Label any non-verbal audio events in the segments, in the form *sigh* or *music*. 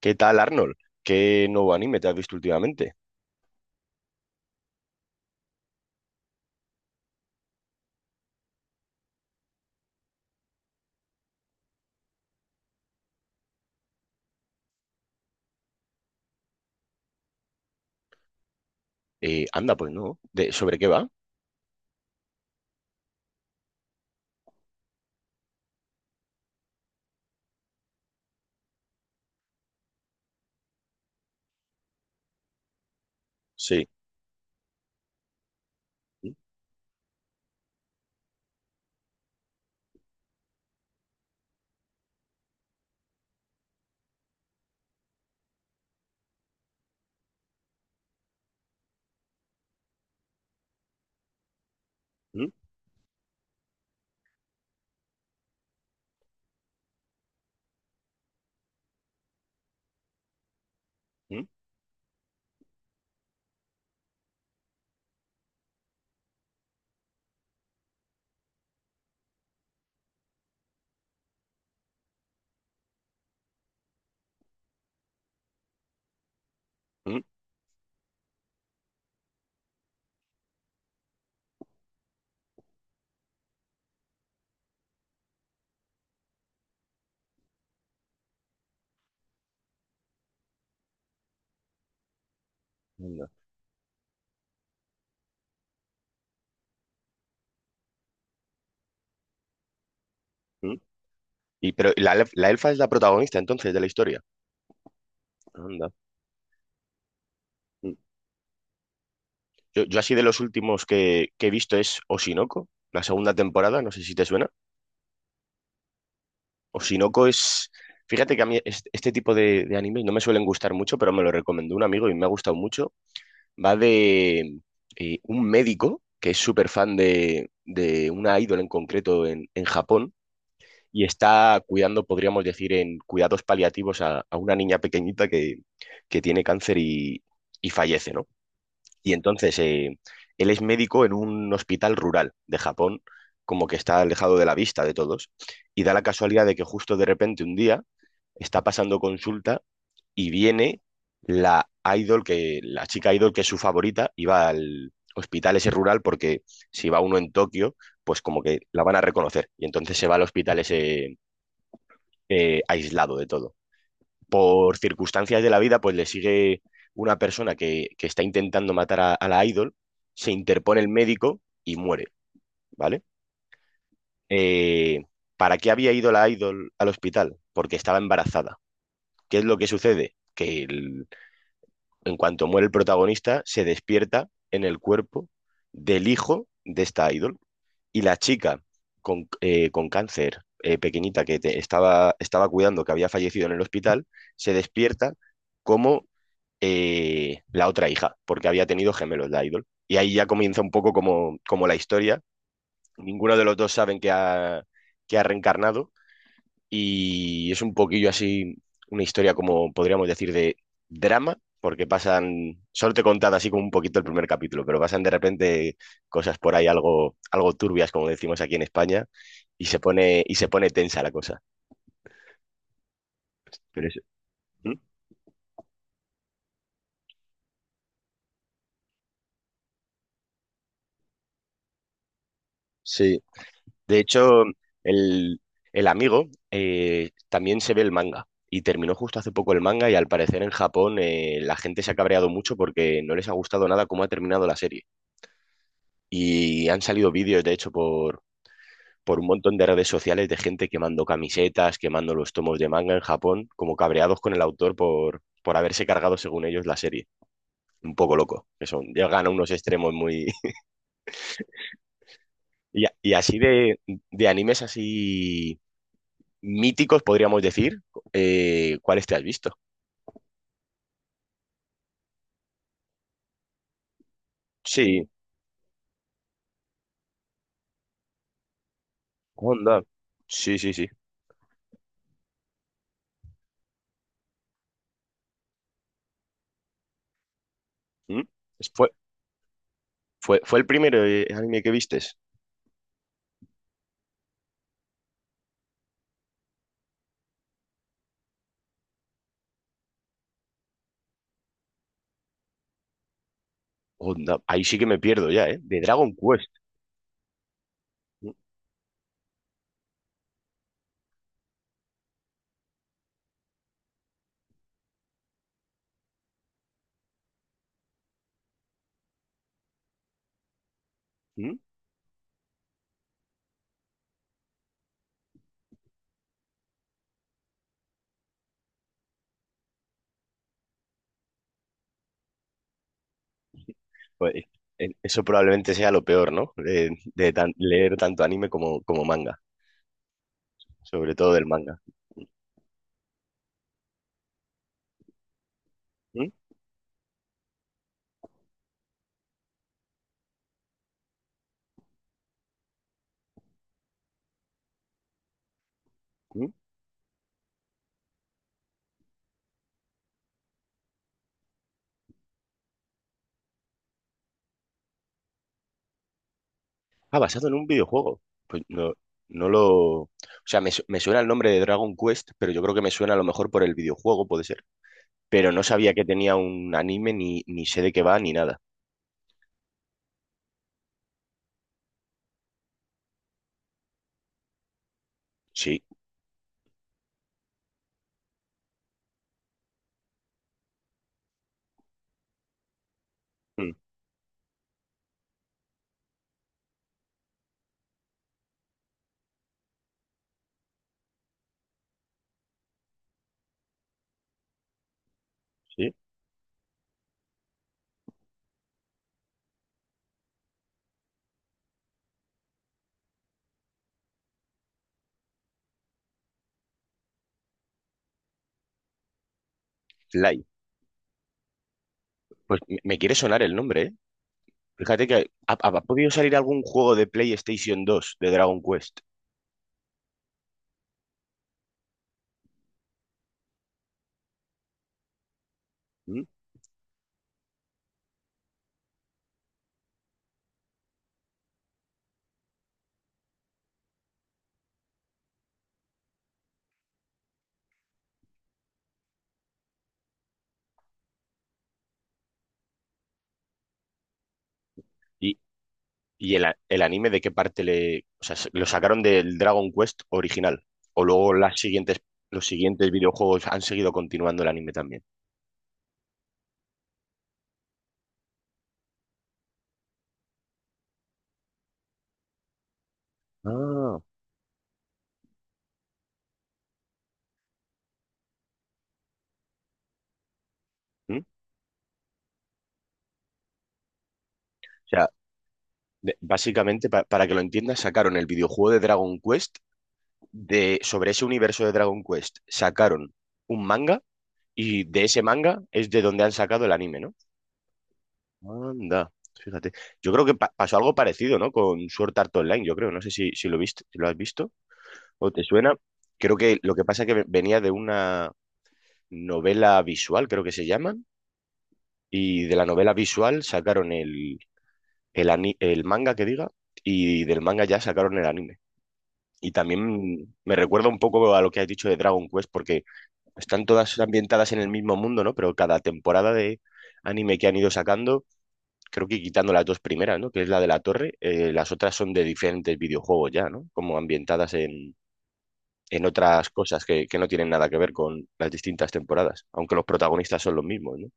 ¿Qué tal, Arnold? ¿Qué nuevo anime te has visto últimamente? Anda, pues no. ¿ Sobre qué va? Sí. Mm, mm, mm, mm, anda, mm. Pero la la elfa es la protagonista entonces de la historia. Anda. Mm. Yo así de los últimos que he visto es Oshinoko, la segunda temporada, no sé si te suena. Oshinoko es… Fíjate que a mí este tipo de anime no me suelen gustar mucho, pero me lo recomendó un amigo y me ha gustado mucho. Va de un médico que es súper fan de una ídola en concreto en Japón, y está cuidando, podríamos decir, en cuidados paliativos a una niña pequeñita que tiene cáncer y fallece, ¿no? Y entonces él es médico en un hospital rural de Japón, como que está alejado de la vista de todos, y da la casualidad de que justo de repente un día está pasando consulta y viene la idol que, la chica idol que es su favorita, y va al hospital ese rural porque si va uno en Tokio, pues como que la van a reconocer. Y entonces se va al hospital ese aislado de todo. Por circunstancias de la vida, pues le sigue una persona que está intentando matar a la idol, se interpone el médico y muere, ¿vale? Eh, ¿Para qué había ido la idol al hospital? Porque estaba embarazada. ¿Qué es lo que sucede? En cuanto muere el protagonista, se despierta en el cuerpo del hijo de esta idol. Y la chica con cáncer pequeñita que estaba, estaba cuidando, que había fallecido en el hospital, se despierta como la otra hija, porque había tenido gemelos la idol. Y ahí ya comienza un poco como, como la historia. Ninguno de los dos saben que ha reencarnado y es un poquillo así, una historia como podríamos decir de drama, porque pasan, solo te he contado así como un poquito el primer capítulo, pero pasan de repente cosas por ahí algo, algo turbias, como decimos aquí en España, y se pone tensa la cosa. Pero es- ¿Mm? Sí, de hecho, el, el amigo también se ve el manga. Y terminó justo hace poco el manga y al parecer en Japón, la gente se ha cabreado mucho porque no les ha gustado nada cómo ha terminado la serie. Y han salido vídeos, de hecho, por un montón de redes sociales de gente quemando camisetas, quemando los tomos de manga en Japón, como cabreados con el autor por haberse cargado, según ellos, la serie. Un poco loco. Que son, llegan a unos extremos muy. *laughs* Y así de, animes así míticos, podríamos decir. ¿Cuáles te has visto? Sí, onda. Sí, sí, sí. ¿Mm? Es- Fue, Fue el primer anime que vistes. Onda. Ahí sí que me pierdo ya, ¿eh? De Dragon Quest. ¿Mm? ¿Mm? Pues eso probablemente sea lo peor, ¿no? De leer tanto anime como, como manga, sobre todo del manga. ¿Mm? ¿Mm? Ah, basado en un videojuego. Pues no, no lo… O sea, me suena el nombre de Dragon Quest, pero yo creo que me suena a lo mejor por el videojuego, puede ser. Pero no sabía que tenía un anime, ni, ni sé de qué va, ni nada. Sí, mm, sí. Fly. Pues me quiere sonar el nombre, ¿eh? Fíjate que ha podido salir algún juego de PlayStation 2 de Dragon Quest. ¿M? ¿Y, el anime de qué parte le… O sea, lo sacaron del Dragon Quest original. O luego las siguientes, los siguientes videojuegos han seguido continuando el anime también. Ah. ¿m? O sea, básicamente, para que lo entiendas, sacaron el videojuego de Dragon Quest de, sobre ese universo de Dragon Quest. Sacaron un manga. Y de ese manga es de donde han sacado el anime, ¿no? Anda, fíjate. Yo creo que pasó algo parecido, ¿no? Con Sword Art Online, yo creo. No sé si, si lo viste, si lo has visto o te suena. Creo que lo que pasa es que venía de una novela visual, creo que se llaman, y de la novela visual sacaron el manga que diga, y del manga ya sacaron el anime. Y también me recuerda un poco a lo que has dicho de Dragon Quest, porque están todas ambientadas en el mismo mundo, ¿no? Pero cada temporada de anime que han ido sacando creo que quitando las dos primeras, ¿no? Que es la de la torre, las otras son de diferentes videojuegos ya, ¿no? Como ambientadas en otras cosas que no tienen nada que ver con las distintas temporadas, aunque los protagonistas son los mismos, ¿no?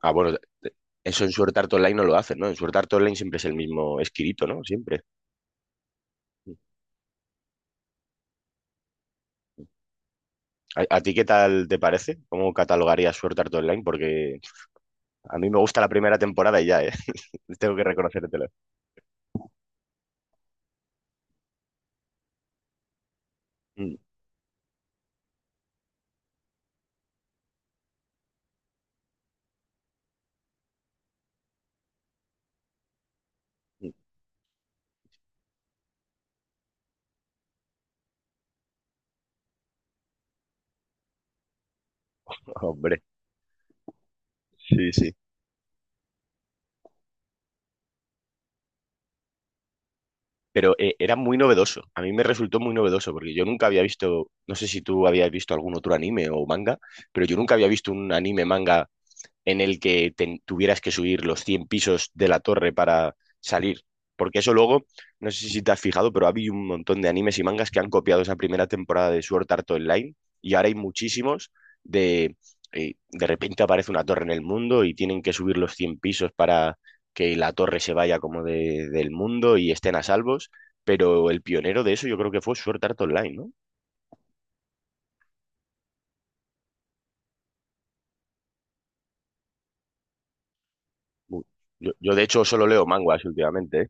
Ah, bueno, eso en Sword Art Online no lo hacen, ¿no? En Sword Art Online siempre es el mismo esquirito, ¿no? Siempre. A ti qué tal te parece? ¿Cómo catalogarías Sword Art Online? Porque a mí me gusta la primera temporada y ya, ¿eh? *laughs* Tengo que reconocértelo. Mm, mm, Hombre. Sí, sí. Pero era muy novedoso. A mí me resultó muy novedoso porque yo nunca había visto, no sé si tú habías visto algún otro anime o manga, pero yo nunca había visto un anime manga en el que tuvieras que subir los 100 pisos de la torre para salir. Porque eso luego, no sé si te has fijado, pero ha habido un montón de animes y mangas que han copiado esa primera temporada de Sword Art Online y ahora hay muchísimos de… de repente aparece una torre en el mundo y tienen que subir los 100 pisos para que la torre se vaya como del mundo y estén a salvos, pero el pionero de eso yo creo que fue Sword Art Online, ¿no? Bu- yo de hecho solo leo manguas últimamente, ¿eh?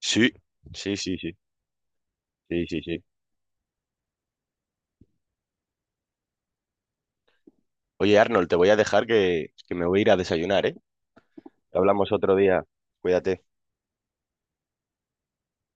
Sí, sí, sí, sí, sí, sí, sí. Oye, Arnold, te voy a dejar que me voy a ir a desayunar, ¿eh? Hablamos otro día. Cuídate.